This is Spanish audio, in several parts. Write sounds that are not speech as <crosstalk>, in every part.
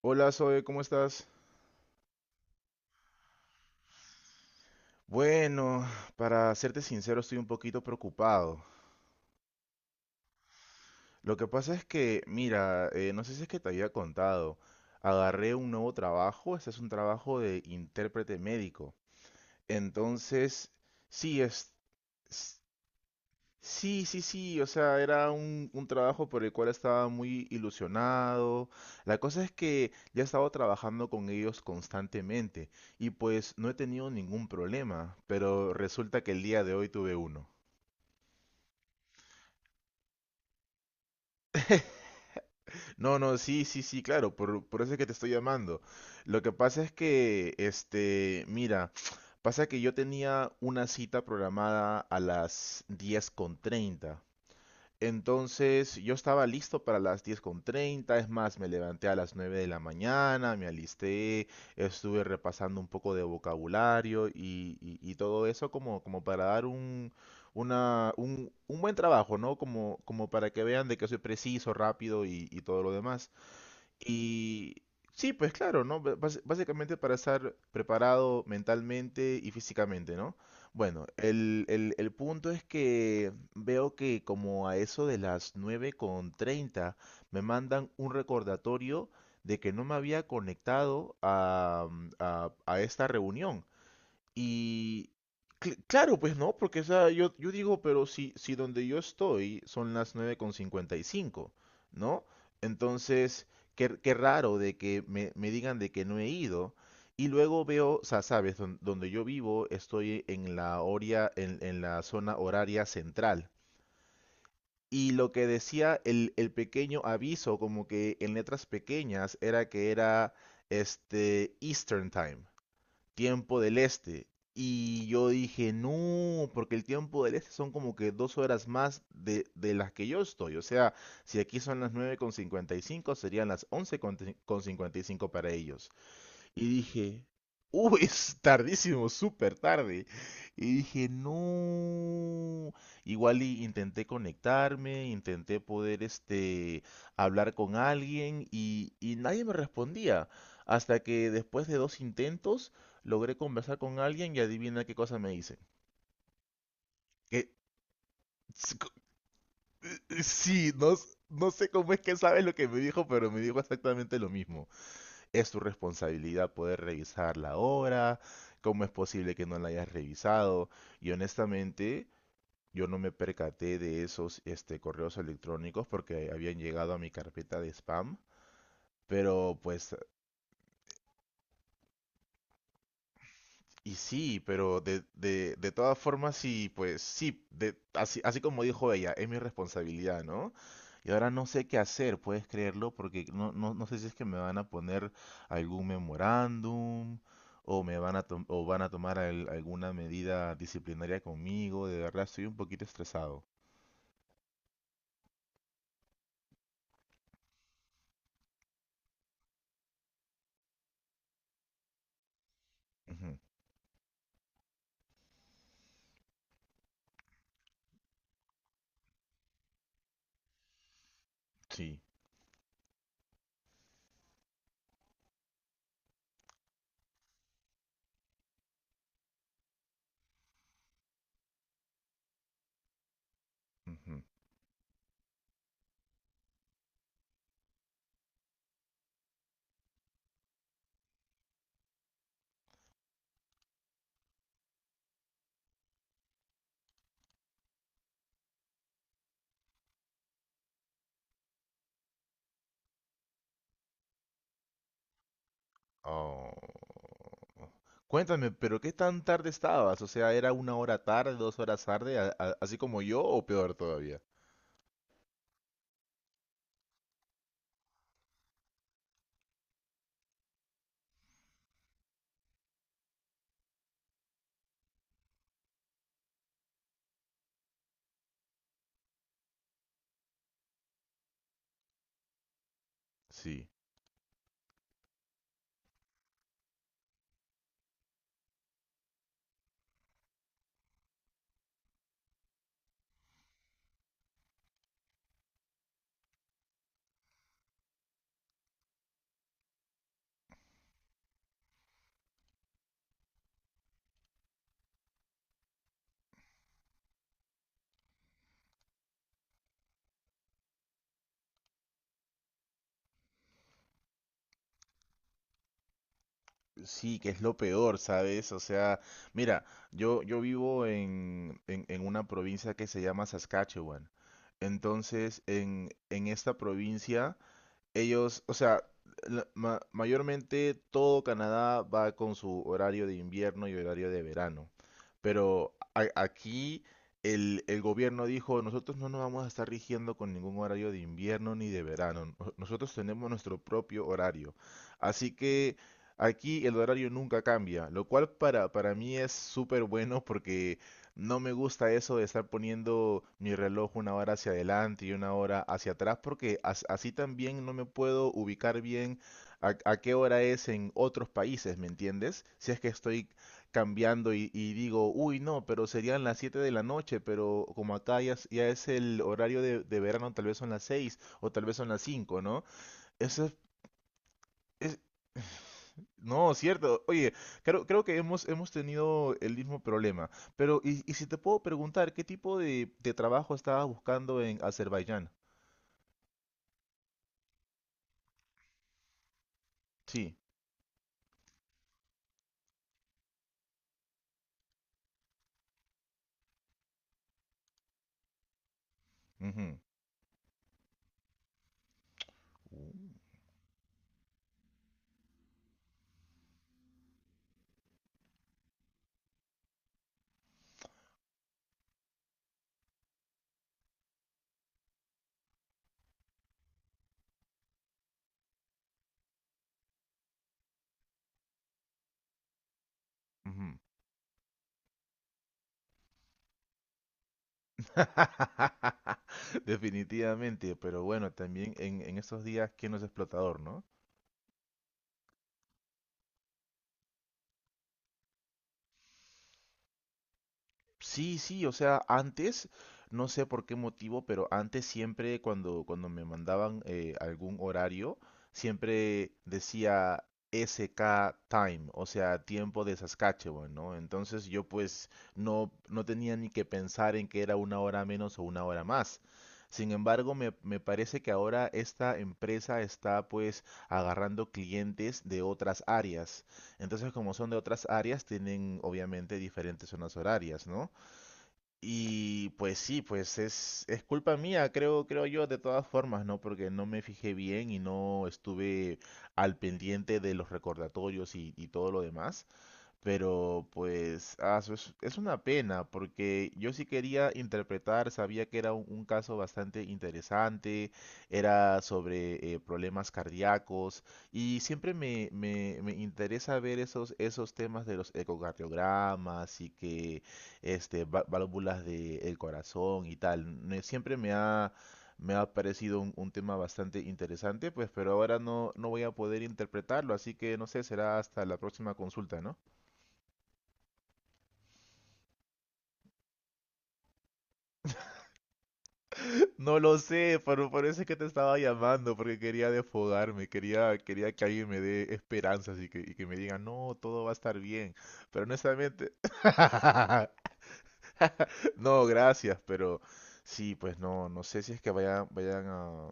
Hola Zoe, ¿cómo estás? Bueno, para serte sincero, estoy un poquito preocupado. Lo que pasa es que, mira, no sé si es que te había contado, agarré un nuevo trabajo, este es un trabajo de intérprete médico. Entonces, sí, es, sí, sí, sí, o sea, era un trabajo por el cual estaba muy ilusionado. La cosa es que ya he estado trabajando con ellos constantemente y pues no he tenido ningún problema, pero resulta que el día de hoy tuve uno. No, no, sí, sí, sí, claro, por eso es que te estoy llamando. Lo que pasa es que, este, mira, pasa que yo tenía una cita programada a las diez con treinta. Entonces yo estaba listo para las diez con treinta, es más, me levanté a las 9 de la mañana, me alisté, estuve repasando un poco de vocabulario y todo eso como, como para dar un buen trabajo, ¿no? Como, como para que vean de que soy preciso, rápido y todo lo demás. Y sí, pues claro, ¿no? Básicamente para estar preparado mentalmente y físicamente, ¿no? Bueno, el punto es que veo que como a eso de las nueve con treinta me mandan un recordatorio de que no me había conectado a esta reunión. Y claro, pues no, porque o sea, yo digo, pero si donde yo estoy son las nueve con cincuenta y cinco, ¿no? Entonces, qué raro de que me digan de que no he ido. Y luego veo, o sea, sabes, donde yo vivo estoy en la zona horaria central. Y lo que decía el pequeño aviso, como que en letras pequeñas, era que era Eastern Time, tiempo del este. Y yo dije, no, porque el tiempo del este son como que dos horas más de las que yo estoy. O sea, si aquí son las nueve con cincuenta y cinco, serían las once con cincuenta y cinco para ellos. Y dije, es tardísimo, súper tarde. Y dije, no. Igual y intenté conectarme, intenté poder hablar con alguien y nadie me respondía. Hasta que después de dos intentos logré conversar con alguien y adivina qué cosa me dice. Que sí, no, no sé cómo es que sabes lo que me dijo, pero me dijo exactamente lo mismo. Es tu responsabilidad poder revisar la obra, cómo es posible que no la hayas revisado. Y honestamente, yo no me percaté de esos correos electrónicos porque habían llegado a mi carpeta de spam. Pero pues, y sí, pero de todas formas, sí, pues sí, de, así, así como dijo ella, es mi responsabilidad, ¿no? Y ahora no sé qué hacer, puedes creerlo, porque no, no sé si es que me van a poner algún memorándum o me van a tomar alguna medida disciplinaria conmigo. De verdad, estoy un poquito estresado. Ujú. Sí. Ujú. Oh. Cuéntame, pero ¿qué tan tarde estabas? O sea, ¿era una hora tarde, dos horas tarde, así como yo o peor todavía? Sí. Sí, que es lo peor, ¿sabes? O sea, mira, yo vivo en una provincia que se llama Saskatchewan. Entonces, en esta provincia ellos, o sea, mayormente todo Canadá va con su horario de invierno y horario de verano. Pero aquí el gobierno dijo, nosotros no nos vamos a estar rigiendo con ningún horario de invierno ni de verano. Nosotros tenemos nuestro propio horario. Así que aquí el horario nunca cambia, lo cual para mí es súper bueno porque no me gusta eso de estar poniendo mi reloj una hora hacia adelante y una hora hacia atrás, porque así también no me puedo ubicar bien a qué hora es en otros países, ¿me entiendes? Si es que estoy cambiando y digo, uy, no, pero serían las 7 de la noche, pero como acá ya es el horario de verano, tal vez son las 6 o tal vez son las cinco, ¿no? Eso es, no, cierto. Oye, creo que hemos tenido el mismo problema. Pero, y si te puedo preguntar, ¿qué tipo de trabajo estabas buscando en Azerbaiyán? Sí. Ujú. Uh, ujú. <laughs> Definitivamente, pero bueno, también en estos días, ¿quién no es explotador, no? Sí, sí, o sea, antes, no sé por qué motivo, pero antes siempre cuando me mandaban algún horario, siempre decía SK Time, o sea, tiempo de Saskatchewan, ¿no? Entonces yo pues no, no tenía ni que pensar en que era una hora menos o una hora más. Sin embargo, me parece que ahora esta empresa está pues agarrando clientes de otras áreas. Entonces, como son de otras áreas, tienen obviamente diferentes zonas horarias, ¿no? Y pues sí, pues es culpa mía, creo yo, de todas formas, ¿no? Porque no me fijé bien y no estuve al pendiente de los recordatorios y todo lo demás. Pero pues, ah, es una pena, porque yo sí quería interpretar, sabía que era un caso bastante interesante, era sobre problemas cardíacos, y siempre me interesa ver esos temas de los ecocardiogramas y que válvulas del corazón y tal. Siempre me ha parecido un tema bastante interesante, pues, pero ahora no, no voy a poder interpretarlo, así que no sé, será hasta la próxima consulta, ¿no? No lo sé, pero por eso es que te estaba llamando, porque quería desfogarme, quería que alguien me dé esperanzas y que me diga, no, todo va a estar bien. Pero honestamente, <laughs> no, gracias, pero sí, pues no, no sé si es que vayan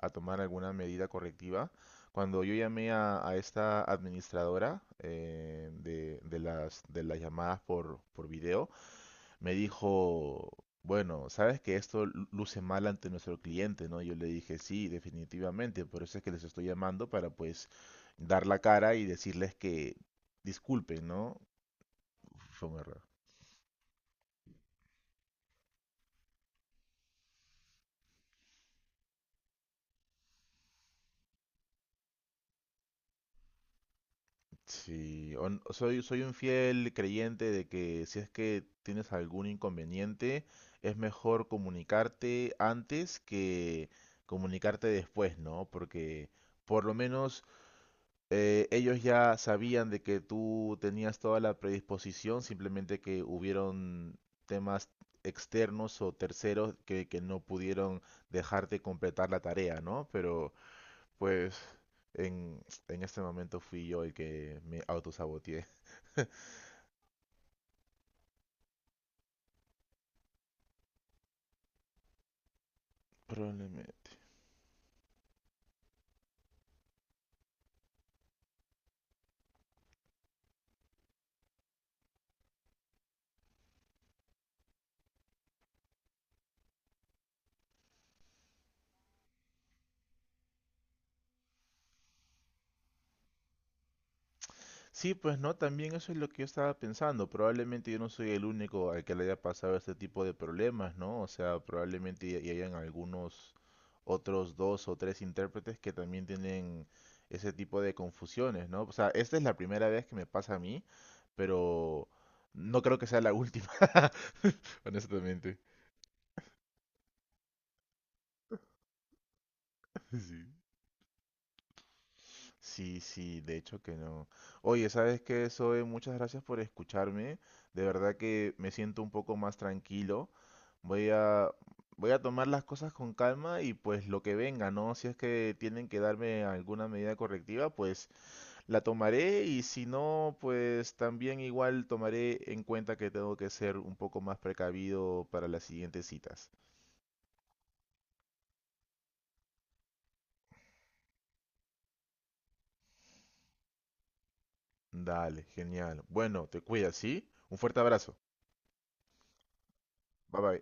a tomar alguna medida correctiva. Cuando yo llamé a esta administradora de las llamadas por video, me dijo, bueno, sabes que esto luce mal ante nuestro cliente, ¿no? Yo le dije, sí, definitivamente, por eso es que les estoy llamando para pues dar la cara y decirles que disculpen, ¿no? Fue un error. Sí, soy, soy un fiel creyente de que si es que tienes algún inconveniente, es mejor comunicarte antes que comunicarte después, ¿no? Porque por lo menos ellos ya sabían de que tú tenías toda la predisposición, simplemente que hubieron temas externos o terceros que no pudieron dejarte completar la tarea, ¿no? Pero pues en, en este momento fui yo el que me autosaboteé. <laughs> Probablemente. Sí, pues no, también eso es lo que yo estaba pensando. Probablemente yo no soy el único al que le haya pasado este tipo de problemas, ¿no? O sea, probablemente y hayan algunos otros dos o tres intérpretes que también tienen ese tipo de confusiones, ¿no? O sea, esta es la primera vez que me pasa a mí, pero no creo que sea la última, <laughs> honestamente. <laughs> Sí. Sí, sí, de hecho que no. Oye, ¿sabes qué, Zoe? Muchas gracias por escucharme. De verdad que me siento un poco más tranquilo. Voy a, voy a tomar las cosas con calma y pues lo que venga, ¿no? Si es que tienen que darme alguna medida correctiva, pues la tomaré y si no, pues también igual tomaré en cuenta que tengo que ser un poco más precavido para las siguientes citas. Dale, genial. Bueno, te cuidas, ¿sí? Un fuerte abrazo. Bye bye.